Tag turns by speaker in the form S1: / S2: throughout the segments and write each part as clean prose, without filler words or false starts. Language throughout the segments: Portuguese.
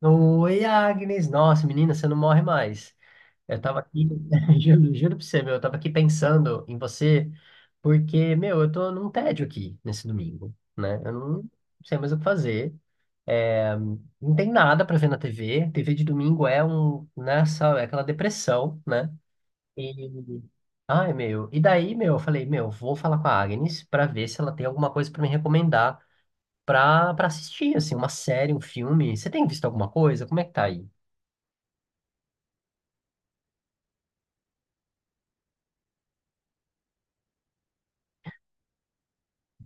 S1: Oi, Agnes. Nossa, menina, você não morre mais. Eu tava aqui, juro pra você, meu, eu tava aqui pensando em você, porque, meu, eu tô num tédio aqui nesse domingo, né? Eu não sei mais o que fazer. É, não tem nada pra ver na TV. TV de domingo é é aquela depressão, né? E, Ai, meu, e daí, meu, eu falei, meu, vou falar com a Agnes pra ver se ela tem alguma coisa pra me recomendar pra assistir, assim, uma série, um filme. Você tem visto alguma coisa? Como é que tá aí?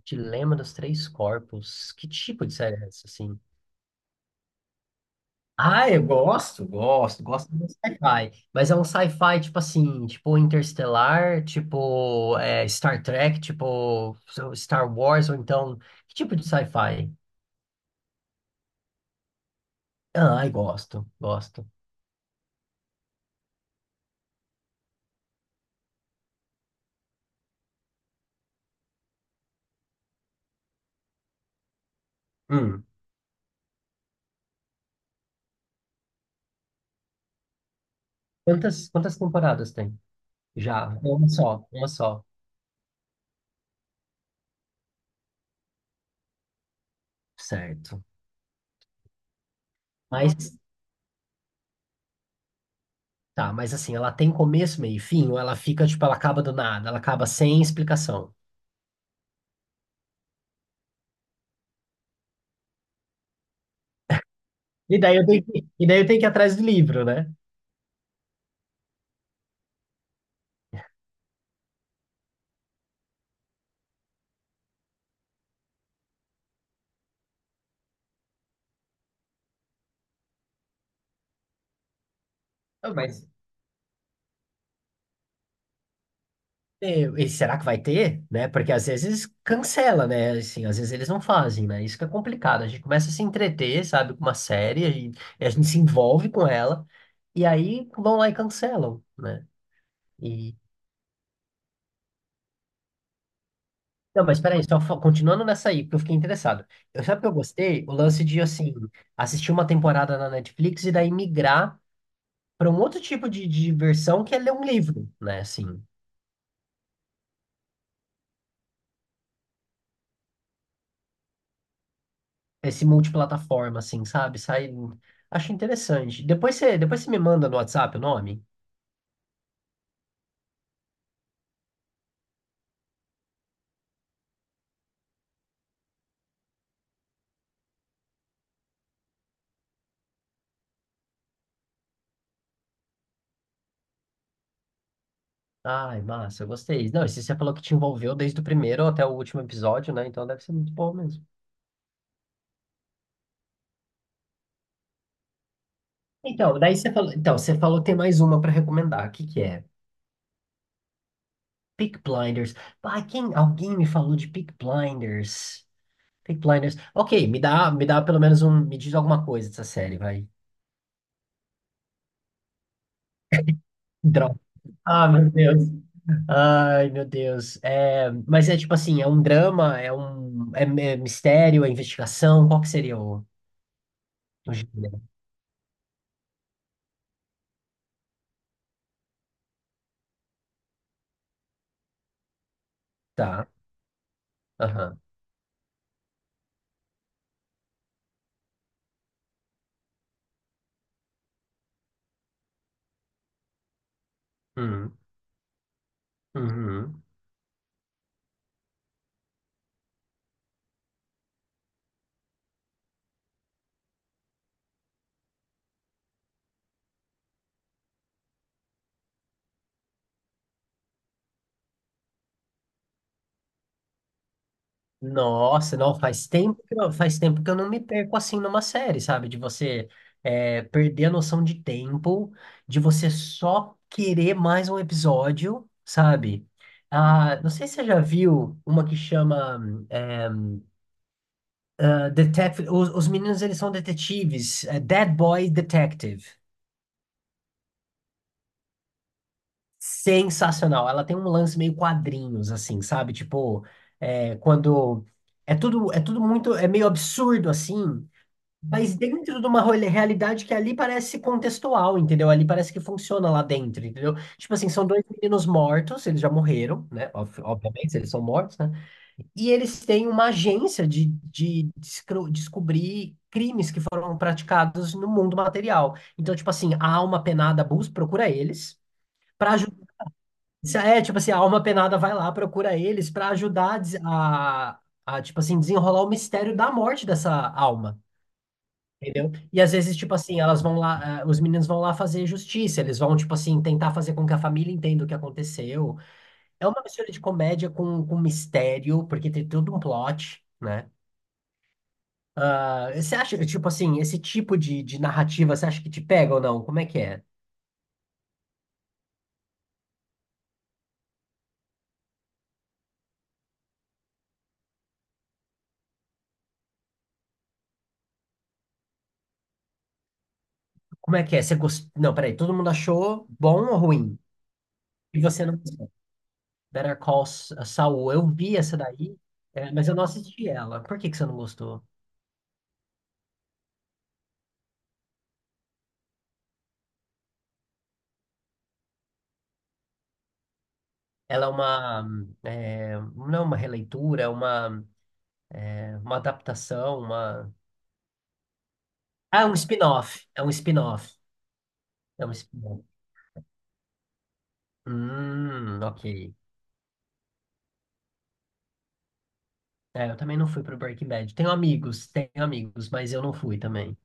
S1: Dilema dos Três Corpos. Que tipo de série é essa, assim? Ah, eu gosto de sci-fi. Mas é um sci-fi, tipo assim, tipo Interstellar, tipo Star Trek, tipo Star Wars, ou então... Que tipo de sci-fi? Ai, gosto. Hum. Quantas temporadas tem? Já, uma só. Certo. Mas, tá, mas assim, ela tem começo, meio e fim, ou ela fica, tipo, ela acaba do nada, ela acaba sem explicação. E daí eu tenho que, e daí eu tenho que ir atrás do livro, né? Ah, mas e será que vai ter? Né? Porque às vezes cancela, né? Assim, às vezes eles não fazem, né? Isso que é complicado. A gente começa a se entreter, sabe, com uma série, a gente se envolve com ela, e aí vão lá e cancelam, né? E... Não, mas peraí, continuando nessa aí, porque eu fiquei interessado. Eu, sabe o que eu gostei? O lance de, assim, assistir uma temporada na Netflix e daí migrar para um outro tipo de diversão que é ler um livro, né? Assim, esse multiplataforma, assim, sabe? Sai. Acho interessante. Depois você me manda no WhatsApp o nome. Ai, massa, eu gostei. Não, esse você falou que te envolveu desde o primeiro até o último episódio, né? Então deve ser muito bom mesmo. Então, você falou que tem mais uma pra recomendar. O que que é? Peak Blinders. Alguém me falou de Peak Blinders. Peak Blinders. Ok, me dá pelo menos um, me diz alguma coisa dessa série, vai. Droga. Ah, meu Deus. Ai, meu Deus. É, mas é tipo assim, é um drama, é mistério, é investigação, qual que seria o gênero? Tá. Aham. Uhum. Uhum. Nossa, não, faz tempo que eu não me perco assim numa série, sabe? De você perder a noção de tempo, de você só querer mais um episódio, sabe? Ah, não sei se você já viu uma que chama é, os meninos, eles são detetives. É Dead Boy Detective. Sensacional. Ela tem um lance meio quadrinhos, assim, sabe? É, quando... É tudo, muito... É meio absurdo, assim. Mas dentro de uma realidade que ali parece contextual, entendeu? Ali parece que funciona lá dentro, entendeu? Tipo assim, são dois meninos mortos, eles já morreram, né? Obviamente, eles são mortos, né? E eles têm uma agência de descobrir crimes que foram praticados no mundo material. Então, tipo assim, a alma penada Bus procura eles para ajudar. É, tipo assim, a alma penada vai lá, procura eles para ajudar a tipo assim, desenrolar o mistério da morte dessa alma. Entendeu? E às vezes, tipo assim, elas vão lá, eh, os meninos vão lá fazer justiça, eles vão, tipo assim, tentar fazer com que a família entenda o que aconteceu. É uma mistura de comédia com mistério, porque tem todo um plot, né? Ah, você acha, tipo assim, esse tipo de narrativa, você acha que te pega ou não? Como é que é? Você Não, peraí, todo mundo achou bom ou ruim? E você não gostou? Better Call Saul, eu vi essa daí, mas eu não assisti ela. Por que que você não gostou? Ela é uma, não é uma releitura, é uma adaptação, uma... Ah, é um spin-off, é um spin-off. Ok. É, eu também não fui pro Breaking Bad. Tenho amigos, mas eu não fui também.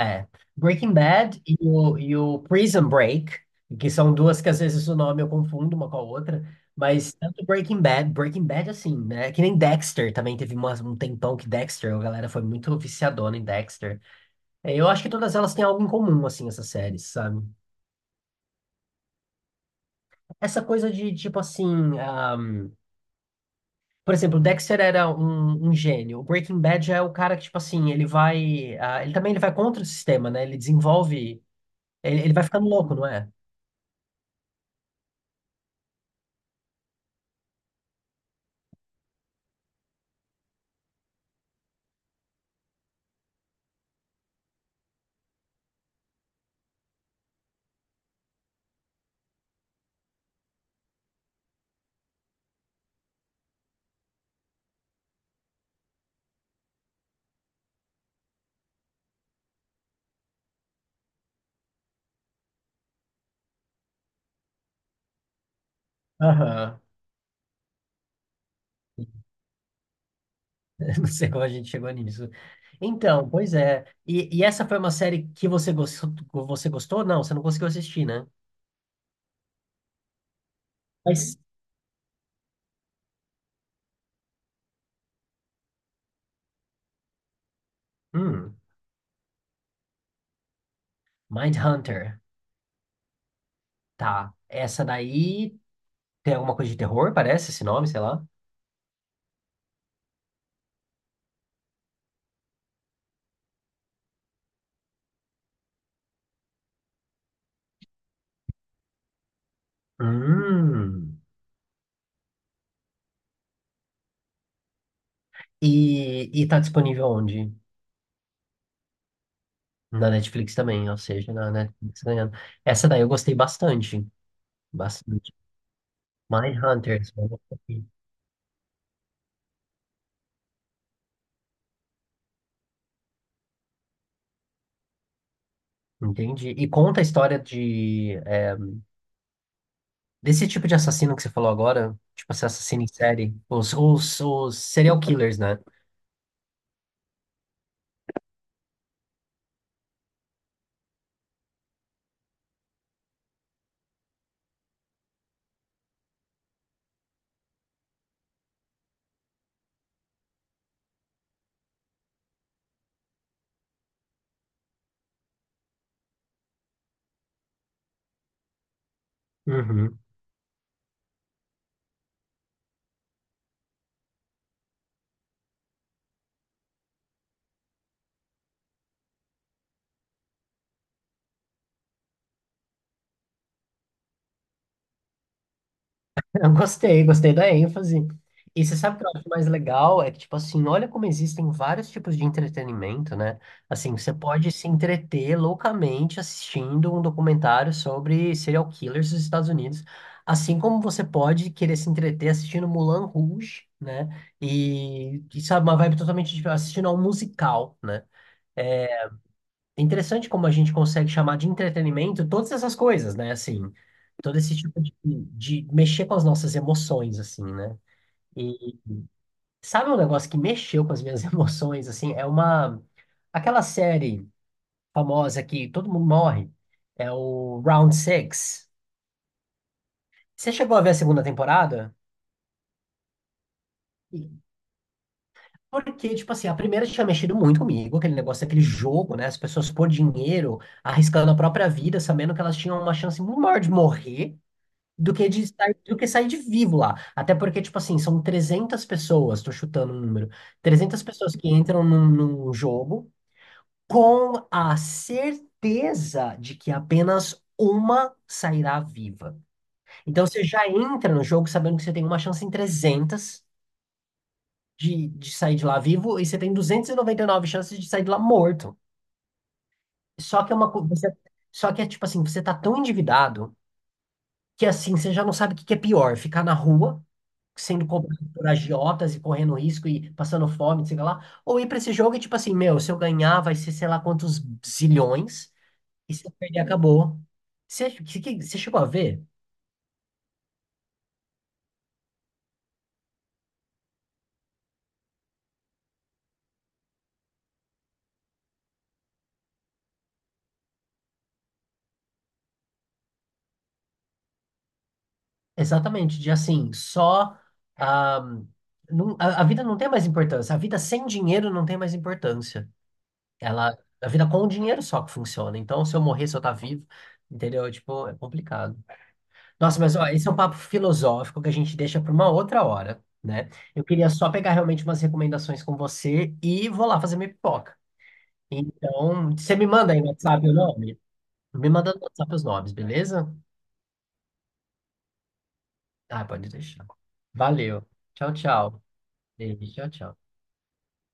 S1: É. Breaking Bad e o Prison Break, que são duas que às vezes o nome eu confundo uma com a outra, mas tanto Breaking Bad, Breaking Bad assim, né? Que nem Dexter também teve um tempão que Dexter, a galera foi muito viciadona em Dexter. Eu acho que todas elas têm algo em comum, assim, essas séries, sabe? Essa coisa de tipo assim. Por exemplo, Dexter era um gênio. O Breaking Bad já é o cara que, tipo assim, ele vai contra o sistema, né? Ele desenvolve. Ele vai ficando louco, não é? Aham. Não sei como a gente chegou nisso. Então, pois é. E essa foi uma série que você gostou? Você gostou? Não, você não conseguiu assistir, né? Mas, hum, Mindhunter. Tá. Essa daí tem alguma coisa de terror, parece, esse nome, sei lá. Hum. E tá disponível onde? Na Netflix também, ou seja, na Netflix ganhando. Essa daí eu gostei bastante. Bastante. Mindhunter. Esse Entendi. E conta a história desse tipo de assassino que você falou agora, tipo esse assassino em série, os serial killers, né? Uhum. Gostei da ênfase. E você sabe o que eu acho mais legal? É que, tipo assim, olha como existem vários tipos de entretenimento, né? Assim, você pode se entreter loucamente assistindo um documentário sobre serial killers dos Estados Unidos, assim como você pode querer se entreter assistindo Moulin Rouge, né? E sabe, uma vibe totalmente diferente, assistindo a um musical, né? É, é interessante como a gente consegue chamar de entretenimento todas essas coisas, né? Assim, todo esse tipo de mexer com as nossas emoções, assim, né? E sabe um negócio que mexeu com as minhas emoções, assim? Aquela série famosa que todo mundo morre, é o Round Six. Você chegou a ver a segunda temporada? E- Porque, tipo assim, a primeira tinha mexido muito comigo, aquele negócio, aquele jogo, né? As pessoas por dinheiro, arriscando a própria vida, sabendo que elas tinham uma chance muito maior de morrer, do que sair de vivo lá. Até porque, tipo assim, são 300 pessoas, tô chutando um número, 300 pessoas que entram num jogo com a certeza de que apenas uma sairá viva. Então você já entra no jogo sabendo que você tem uma chance em 300 de sair de lá vivo e você tem 99 chances de sair de lá morto. Só que é uma co- você, só que é tipo assim, você tá tão endividado que assim, você já não sabe o que que é pior, ficar na rua sendo cobrado por agiotas e correndo risco e passando fome, não sei o que lá. Ou ir pra esse jogo e tipo assim, meu, se eu ganhar vai ser sei lá quantos zilhões e se eu perder acabou. Você chegou a ver? Exatamente, de assim, só ah, não- a vida não tem mais importância. A vida sem dinheiro não tem mais importância. A vida com o dinheiro só que funciona. Então, se eu morrer, se eu tá vivo, entendeu? Tipo, é complicado. Nossa, mas ó, esse é um papo filosófico que a gente deixa para uma outra hora, né? Eu queria só pegar realmente umas recomendações com você e vou lá fazer minha pipoca. Então, você me manda aí no WhatsApp o nome? Me manda no WhatsApp os nomes, beleza? Ah, pode deixar. Valeu. Tchau, tchau. Beijo, tchau, tchau.